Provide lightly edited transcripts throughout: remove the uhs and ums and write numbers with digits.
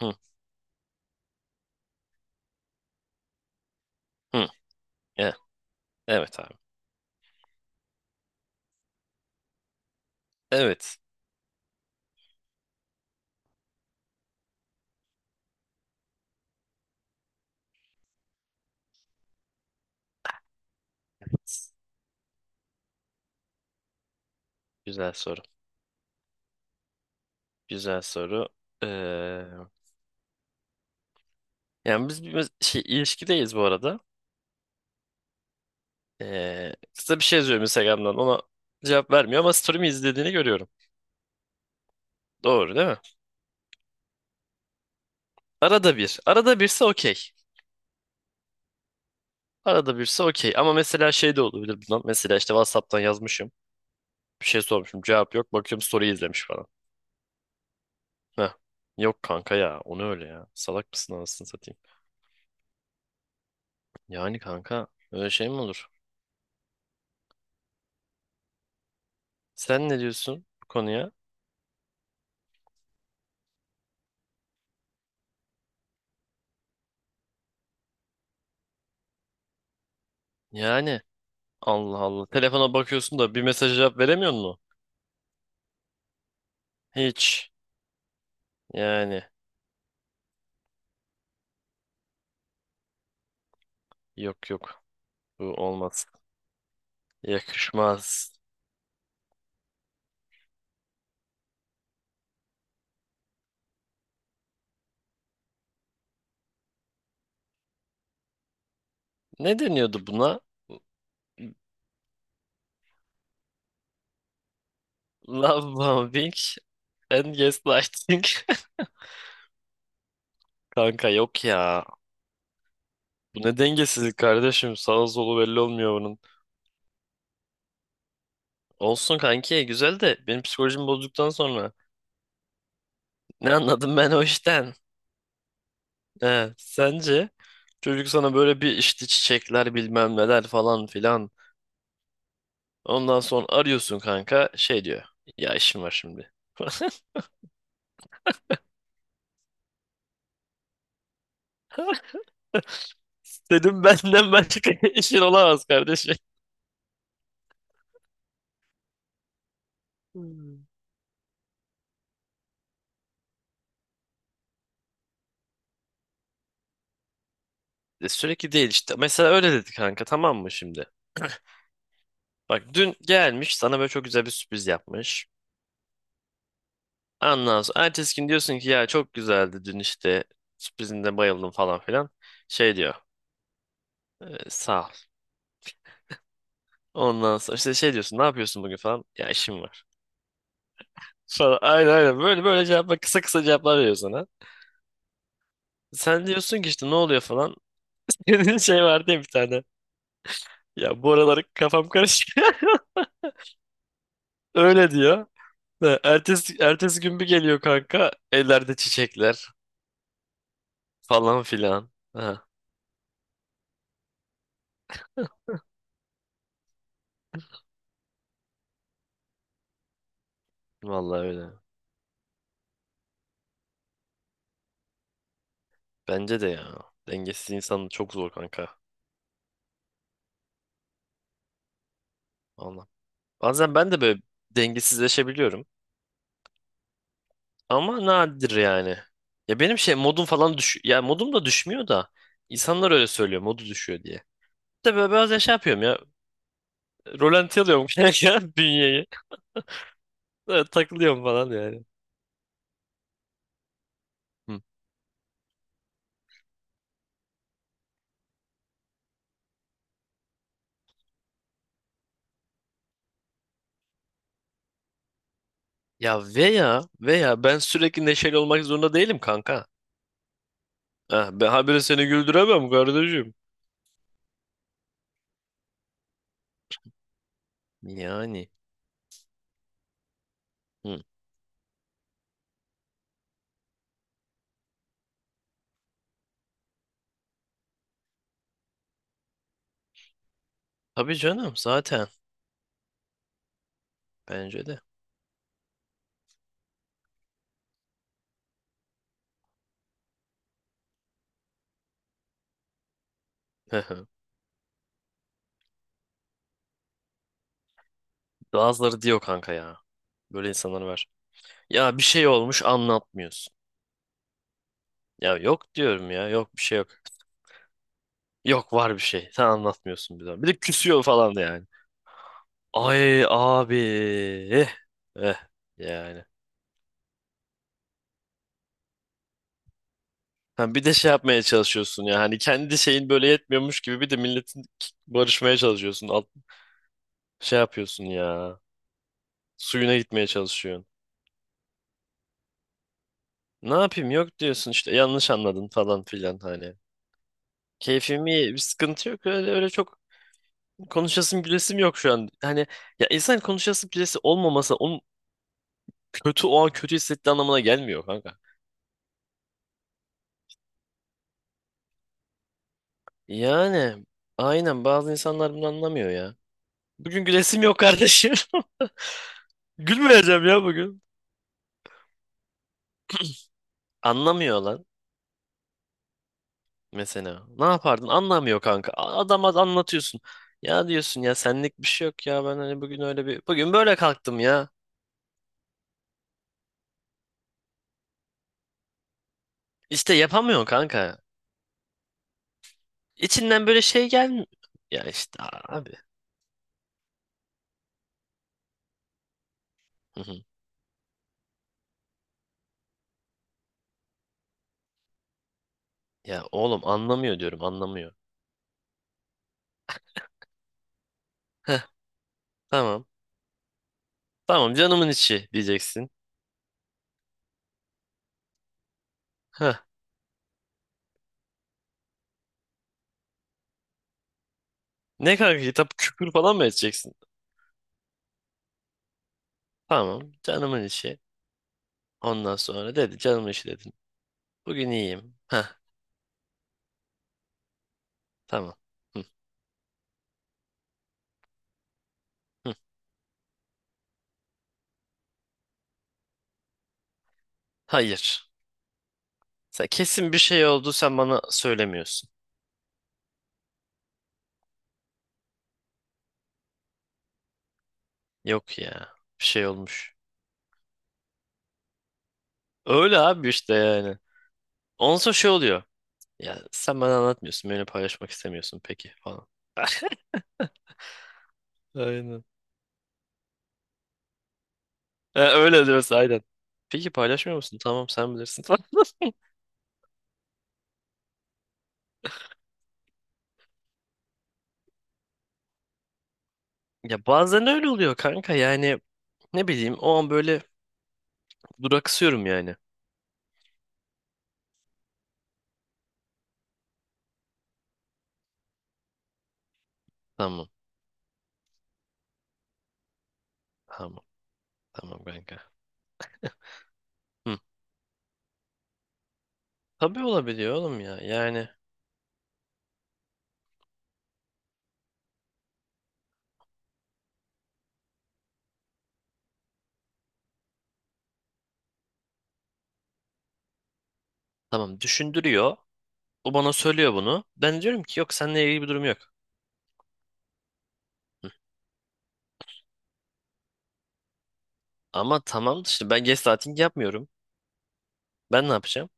Hı, hı. E, evet abi. Evet. Evet. Güzel soru. Güzel soru. Ee, Yani biz bir şey ilişkideyiz bu arada. Kısa bir şey yazıyorum Instagram'dan. Ona cevap vermiyor ama story'mi izlediğini görüyorum. Doğru değil mi? Arada bir. Arada birse okey. Arada birse okey. Ama mesela şey de olabilir bundan. Mesela işte WhatsApp'tan yazmışım. Bir şey sormuşum. Cevap yok. Bakıyorum story izlemiş falan. Heh. Yok kanka ya. Onu öyle ya. Salak mısın anasını satayım. Yani kanka öyle şey mi olur? Sen ne diyorsun bu konuya? Yani Allah Allah. Telefona bakıyorsun da bir mesaja cevap veremiyor mu? Hiç. Yani yok yok. Bu olmaz. Yakışmaz. Ne deniyordu buna? Love bombing and gaslighting. Kanka yok ya. Bu ne dengesizlik kardeşim. Sağı solu belli olmuyor bunun. Olsun kanki güzel de benim psikolojimi bozduktan sonra ne anladım ben o işten? He, sence çocuk sana böyle bir işte çiçekler bilmem neler falan filan. Ondan sonra arıyorsun kanka şey diyor. Ya işim var şimdi. Dedim benden başka işin olamaz kardeşim. Sürekli değil işte. Mesela öyle dedi kanka tamam mı şimdi? Bak dün gelmiş sana böyle çok güzel bir sürpriz yapmış. Ondan sonra ertesi gün diyorsun ki ya çok güzeldi dün işte sürprizinde bayıldım falan filan. Şey diyor sağ ol. Ondan sonra işte şey diyorsun ne yapıyorsun bugün falan. Ya işim var. Falan. Aynen aynen. Böyle böyle cevaplar kısa kısa cevaplar veriyor sana. Sen diyorsun ki işte ne oluyor falan. Dediğin şey vardı ya bir tane. Ya bu aralar kafam karışık. Öyle diyor. Ha, ertesi, ertesi gün bir geliyor kanka. Ellerde çiçekler falan filan. Ha, vallahi öyle. Bence de ya. Dengesiz insan çok zor kanka. Vallahi. Bazen ben de böyle dengesizleşebiliyorum. Ama nadir yani. Ya benim şey modum falan düş ya modum da düşmüyor da insanlar öyle söylüyor modu düşüyor diye. İşte böyle biraz şey yapıyorum ya. Rolanti alıyorum kanka bünyeyi. Böyle takılıyorum falan yani. Hı. Ya veya ben sürekli neşeli olmak zorunda değilim kanka. Ha, ben habire seni güldüremem kardeşim. Yani. Hı. Tabii canım zaten. Bence de. Bazıları diyor kanka ya. Böyle insanlar var. Ya bir şey olmuş anlatmıyorsun. Ya yok diyorum ya yok bir şey yok. Yok var bir şey. Sen anlatmıyorsun bir zaman. Bir de küsüyor falan da yani. Ay abi. Eh. Eh. Yani. Ha, bir de şey yapmaya çalışıyorsun ya hani kendi şeyin böyle yetmiyormuş gibi bir de milletin barışmaya çalışıyorsun. Alt, şey yapıyorsun ya. Suyuna gitmeye çalışıyorsun. Ne yapayım yok diyorsun işte yanlış anladın falan filan hani. Keyfim iyi bir sıkıntı yok öyle öyle çok konuşasım gülesim yok şu an. Hani ya insan konuşası gülesi olmaması onun kötü o an kötü hissettiği anlamına gelmiyor kanka. Yani aynen bazı insanlar bunu anlamıyor ya. Bugün gülesim yok kardeşim. Gülmeyeceğim ya bugün. Anlamıyor lan. Mesela. Ne yapardın? Anlamıyor kanka. Adama anlatıyorsun. Ya diyorsun ya senlik bir şey yok ya ben hani bugün öyle bir bugün böyle kalktım ya. İşte yapamıyorsun kanka. İçinden böyle şey gelmiyor. Ya işte abi. Hı hı. Ya oğlum anlamıyor diyorum anlamıyor. Heh, tamam. Tamam canımın içi diyeceksin. Heh. Ne kanka kitap küfür falan mı edeceksin? Tamam canımın içi. Ondan sonra dedi canımın içi dedin. Bugün iyiyim. Heh, tamam. Hı, hı. Hayır. Sen kesin bir şey oldu sen bana söylemiyorsun. Yok ya. Bir şey olmuş. Öyle abi işte yani. Ondan sonra şey oluyor. Ya sen bana anlatmıyorsun. Benimle paylaşmak istemiyorsun peki falan. Aynen. Öyle diyorsun aynen. Peki paylaşmıyor musun? Tamam sen bilirsin falan. Ya bazen öyle oluyor kanka yani. Ne bileyim o an böyle duraksıyorum yani. Tamam tamam tamam kanka. Hı. Tabii olabiliyor oğlum ya yani. Tamam düşündürüyor. O bana söylüyor bunu. Ben diyorum ki yok seninle ilgili bir durum yok. Ama tamam işte ben gaslighting yapmıyorum. Ben ne yapacağım?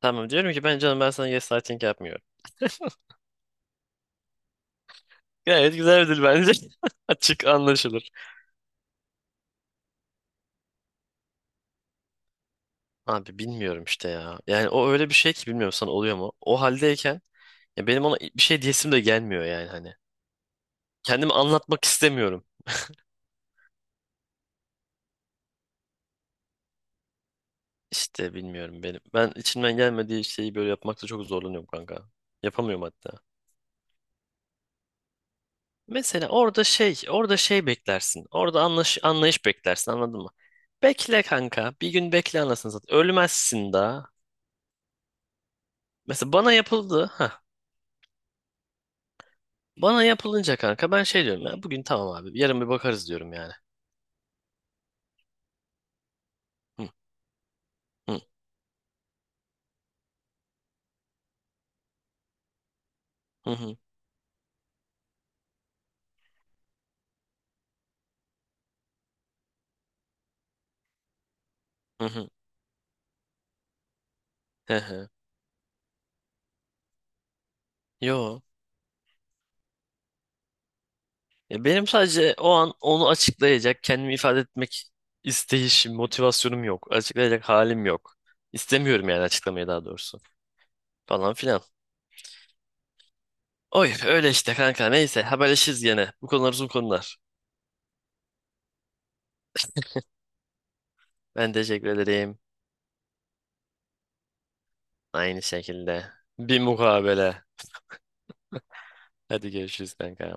Tamam diyorum ki canım ben sana gaslighting yapmıyorum. Gayet güzel bir dil bence. Açık anlaşılır. Abi bilmiyorum işte ya. Yani o öyle bir şey ki bilmiyorum sana oluyor mu? O haldeyken ya benim ona bir şey diyesim de gelmiyor yani hani. Kendimi anlatmak istemiyorum. İşte bilmiyorum benim. Ben içimden gelmediği şeyi böyle yapmakta çok zorlanıyorum kanka. Yapamıyorum hatta. Mesela orada şey, orada şey beklersin. Orada anlaş, anlayış beklersin, anladın mı? Bekle kanka. Bir gün bekle anasını satayım. Ölmezsin daha. Mesela bana yapıldı. Ha. Bana yapılınca kanka ben şey diyorum ya. Bugün tamam abi. Yarın bir bakarız diyorum yani. Hı hı, hı hı, hı hı. Hı hı. Yo. Ya benim sadece o an onu açıklayacak, kendimi ifade etmek isteyişim, motivasyonum yok. Açıklayacak halim yok. İstemiyorum yani açıklamayı daha doğrusu. Falan filan. Oy öyle işte kanka neyse haberleşiriz gene. Bu konular uzun konular. Ben teşekkür ederim. Aynı şekilde. Bir mukabele. Hadi görüşürüz kanka.